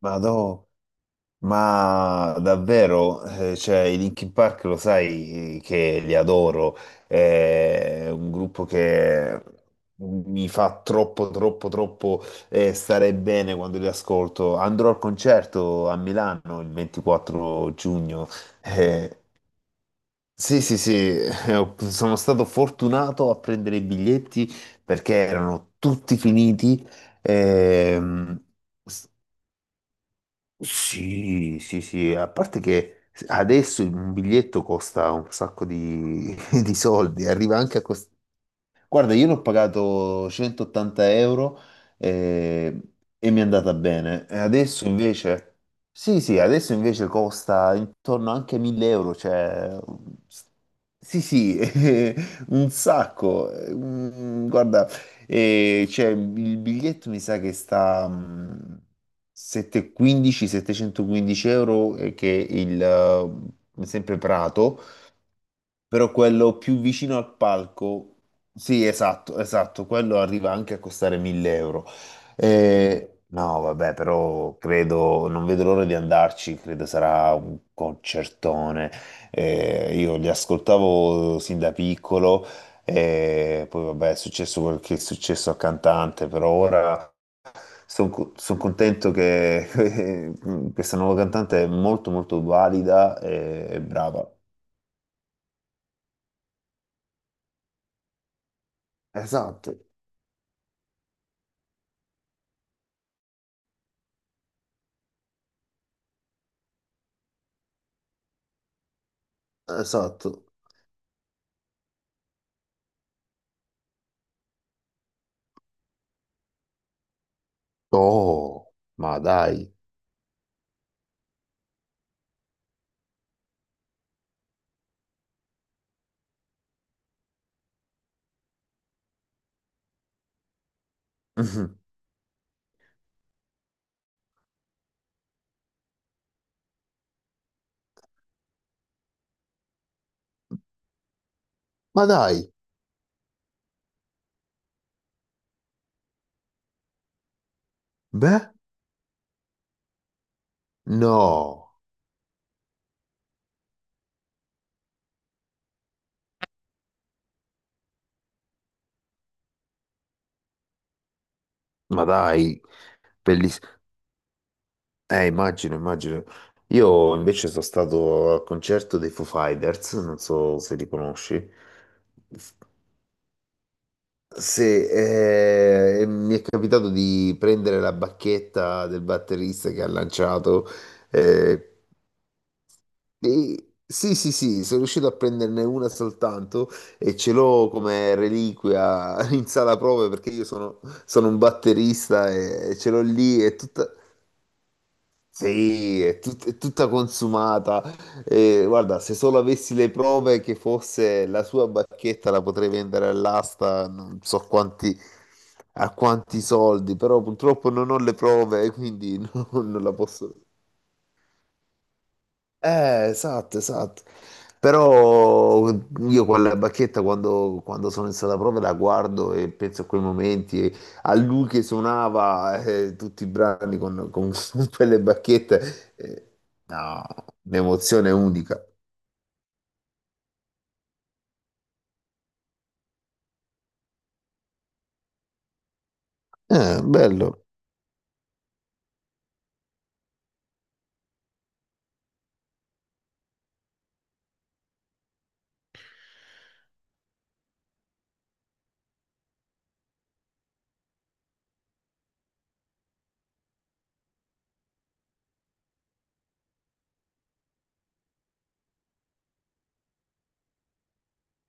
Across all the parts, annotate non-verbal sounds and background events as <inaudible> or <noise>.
Madò, ma davvero, cioè, i Linkin Park lo sai, che li adoro, è un gruppo che mi fa troppo, troppo, troppo stare bene quando li ascolto. Andrò al concerto a Milano il 24 giugno. Eh, sì, sì, sì, <laughs> sono stato fortunato a prendere i biglietti perché erano tutti finiti. Ehm, sì, sì, sì, a parte che adesso un biglietto costa un sacco di, <laughs> di soldi, arriva anche a costare. Guarda, io l'ho pagato 180 euro eh, e, mi è andata bene. E adesso invece, sì, sì, adesso invece costa intorno anche a 1000 euro, cioè, sì, sì, <laughs> un sacco. Guarda, cioè, il biglietto mi sa che sta 715, 715 euro, che è il, sempre Prato. Però quello più vicino al palco, sì, esatto, esatto, quello arriva anche a costare 1000 euro. No, vabbè, però credo, non vedo l'ora di andarci, credo sarà un concertone. Io li ascoltavo sin da piccolo, poi vabbè, è successo quel che è successo al cantante, però ora sono contento che <laughs> questa nuova cantante è molto molto valida e brava. Esatto. Esatto. Oh, ma dai. Mhm. Ma dai, beh, no, ma dai, bellissimo. Immagino, immagino. Io invece sono stato al concerto dei Foo Fighters, non so se li conosci. Se, mi è capitato di prendere la bacchetta del batterista che ha lanciato, eh, E- sì, sì, sì, sono riuscito a prenderne una soltanto e ce l'ho come reliquia <laughs> in sala prove perché io sono un batterista e ce l'ho lì, è tutta, sì, è tutta consumata. E, guarda, se solo avessi le prove che fosse la sua bacchetta la potrei vendere all'asta, non so quanti, a quanti soldi, però purtroppo non ho le prove, quindi <laughs> non la posso. Esatto, esatto. Però io quella bacchetta quando sono in sala prova la guardo e penso a quei momenti, e a lui che suonava tutti i brani con <laughs> quelle bacchette. No, un'emozione unica. Bello.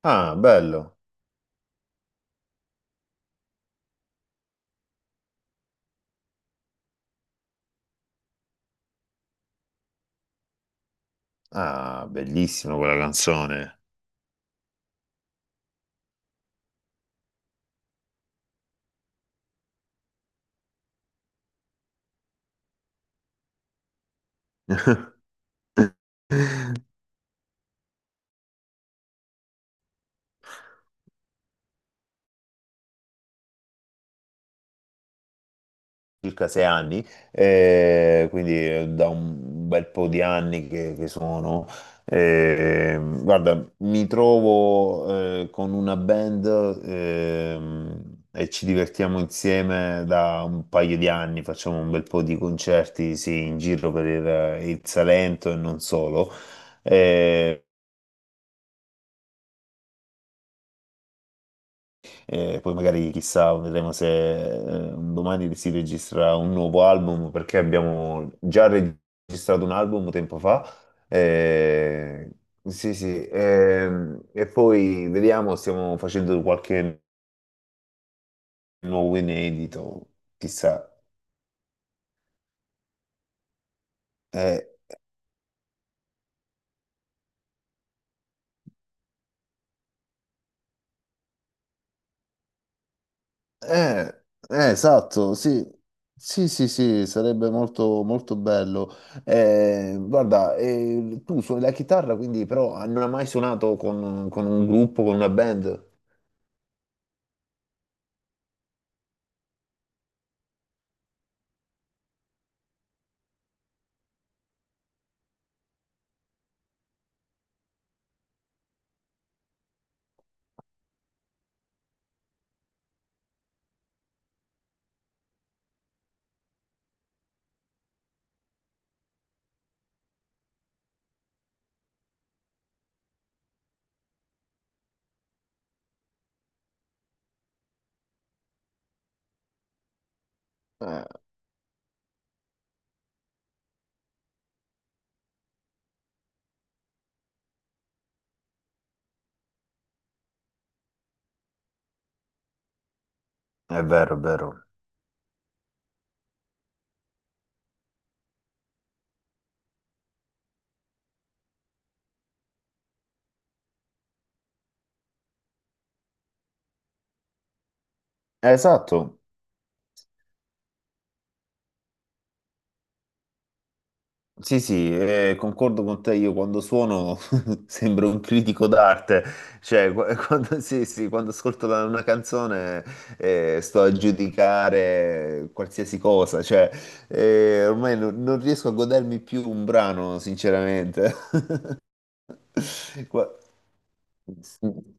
Ah, bello. Ah, bellissima quella canzone. <laughs> circa 6 anni, quindi da un bel po' di anni che sono. Guarda, mi trovo con una band, e ci divertiamo insieme da un paio di anni, facciamo un bel po' di concerti, sì, in giro per il Salento e non solo. Eh, E poi magari chissà, vedremo se un domani si registra un nuovo album, perché abbiamo già registrato un album tempo fa. Eh, sì, sì. E poi vediamo, stiamo facendo qualche nuovo inedito, chissà. Eh, Eh, esatto, sì, sì, sì, sì, sarebbe molto, molto bello. Guarda, tu suoni la chitarra, quindi però non hai mai suonato con un gruppo, con una band? Eh, è vero, è vero. Esatto. Sì, sì, concordo con te, io quando suono <laughs> sembro un critico d'arte, cioè <laughs> quando, sì, sì, quando ascolto una canzone sto a giudicare qualsiasi cosa, cioè ormai non riesco a godermi più un brano, sinceramente. <laughs> Qua- Sì.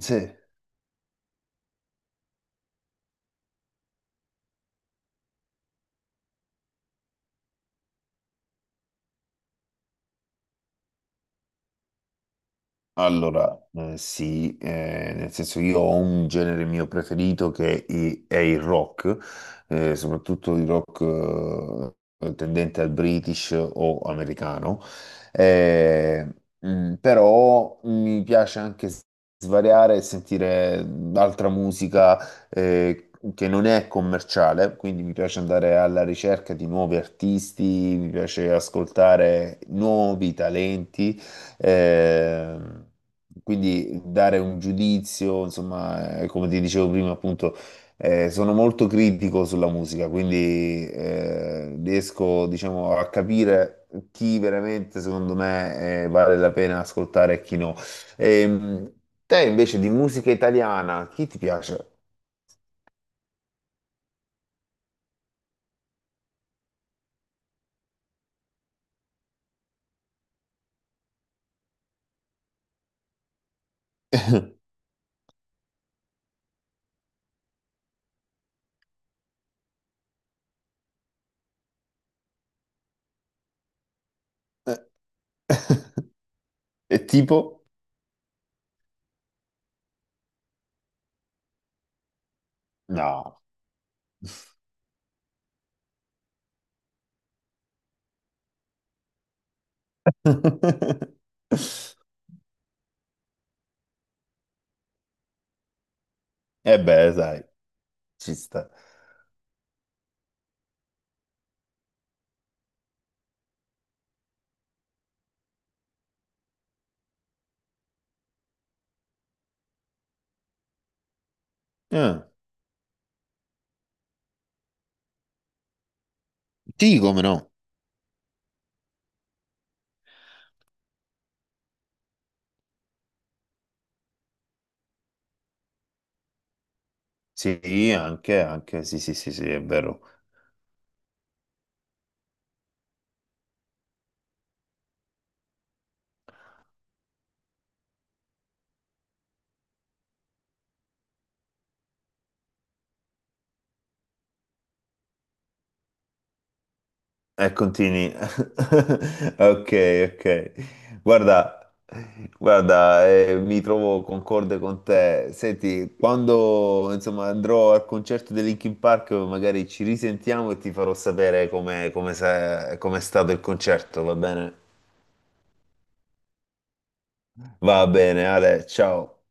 Sì. Allora, sì, nel senso io ho un genere mio preferito che è il rock, soprattutto il rock tendente al British o americano. Eh, Però mi piace anche svariare e sentire altra musica eh, che non è commerciale, quindi mi piace andare alla ricerca di nuovi artisti, mi piace ascoltare nuovi talenti. Eh, quindi dare un giudizio, insomma, come ti dicevo prima, appunto, sono molto critico sulla musica, quindi riesco, diciamo, a capire chi veramente, secondo me, vale la pena ascoltare e chi no. Ehm, Te invece di musica italiana, chi ti piace? <laughs> E tipo? No. <laughs> E beh, sai, ci sta. Ah, sì, come no? Sì, anche, anche, sì, sì, sì, sì, è vero. E continui. <laughs> Ok, ok. Guarda, guarda, mi trovo concorde con te. Senti, quando, insomma, andrò al concerto di Linkin Park, magari ci risentiamo e ti farò sapere com'è stato il concerto, va bene? Va bene, Ale, ciao.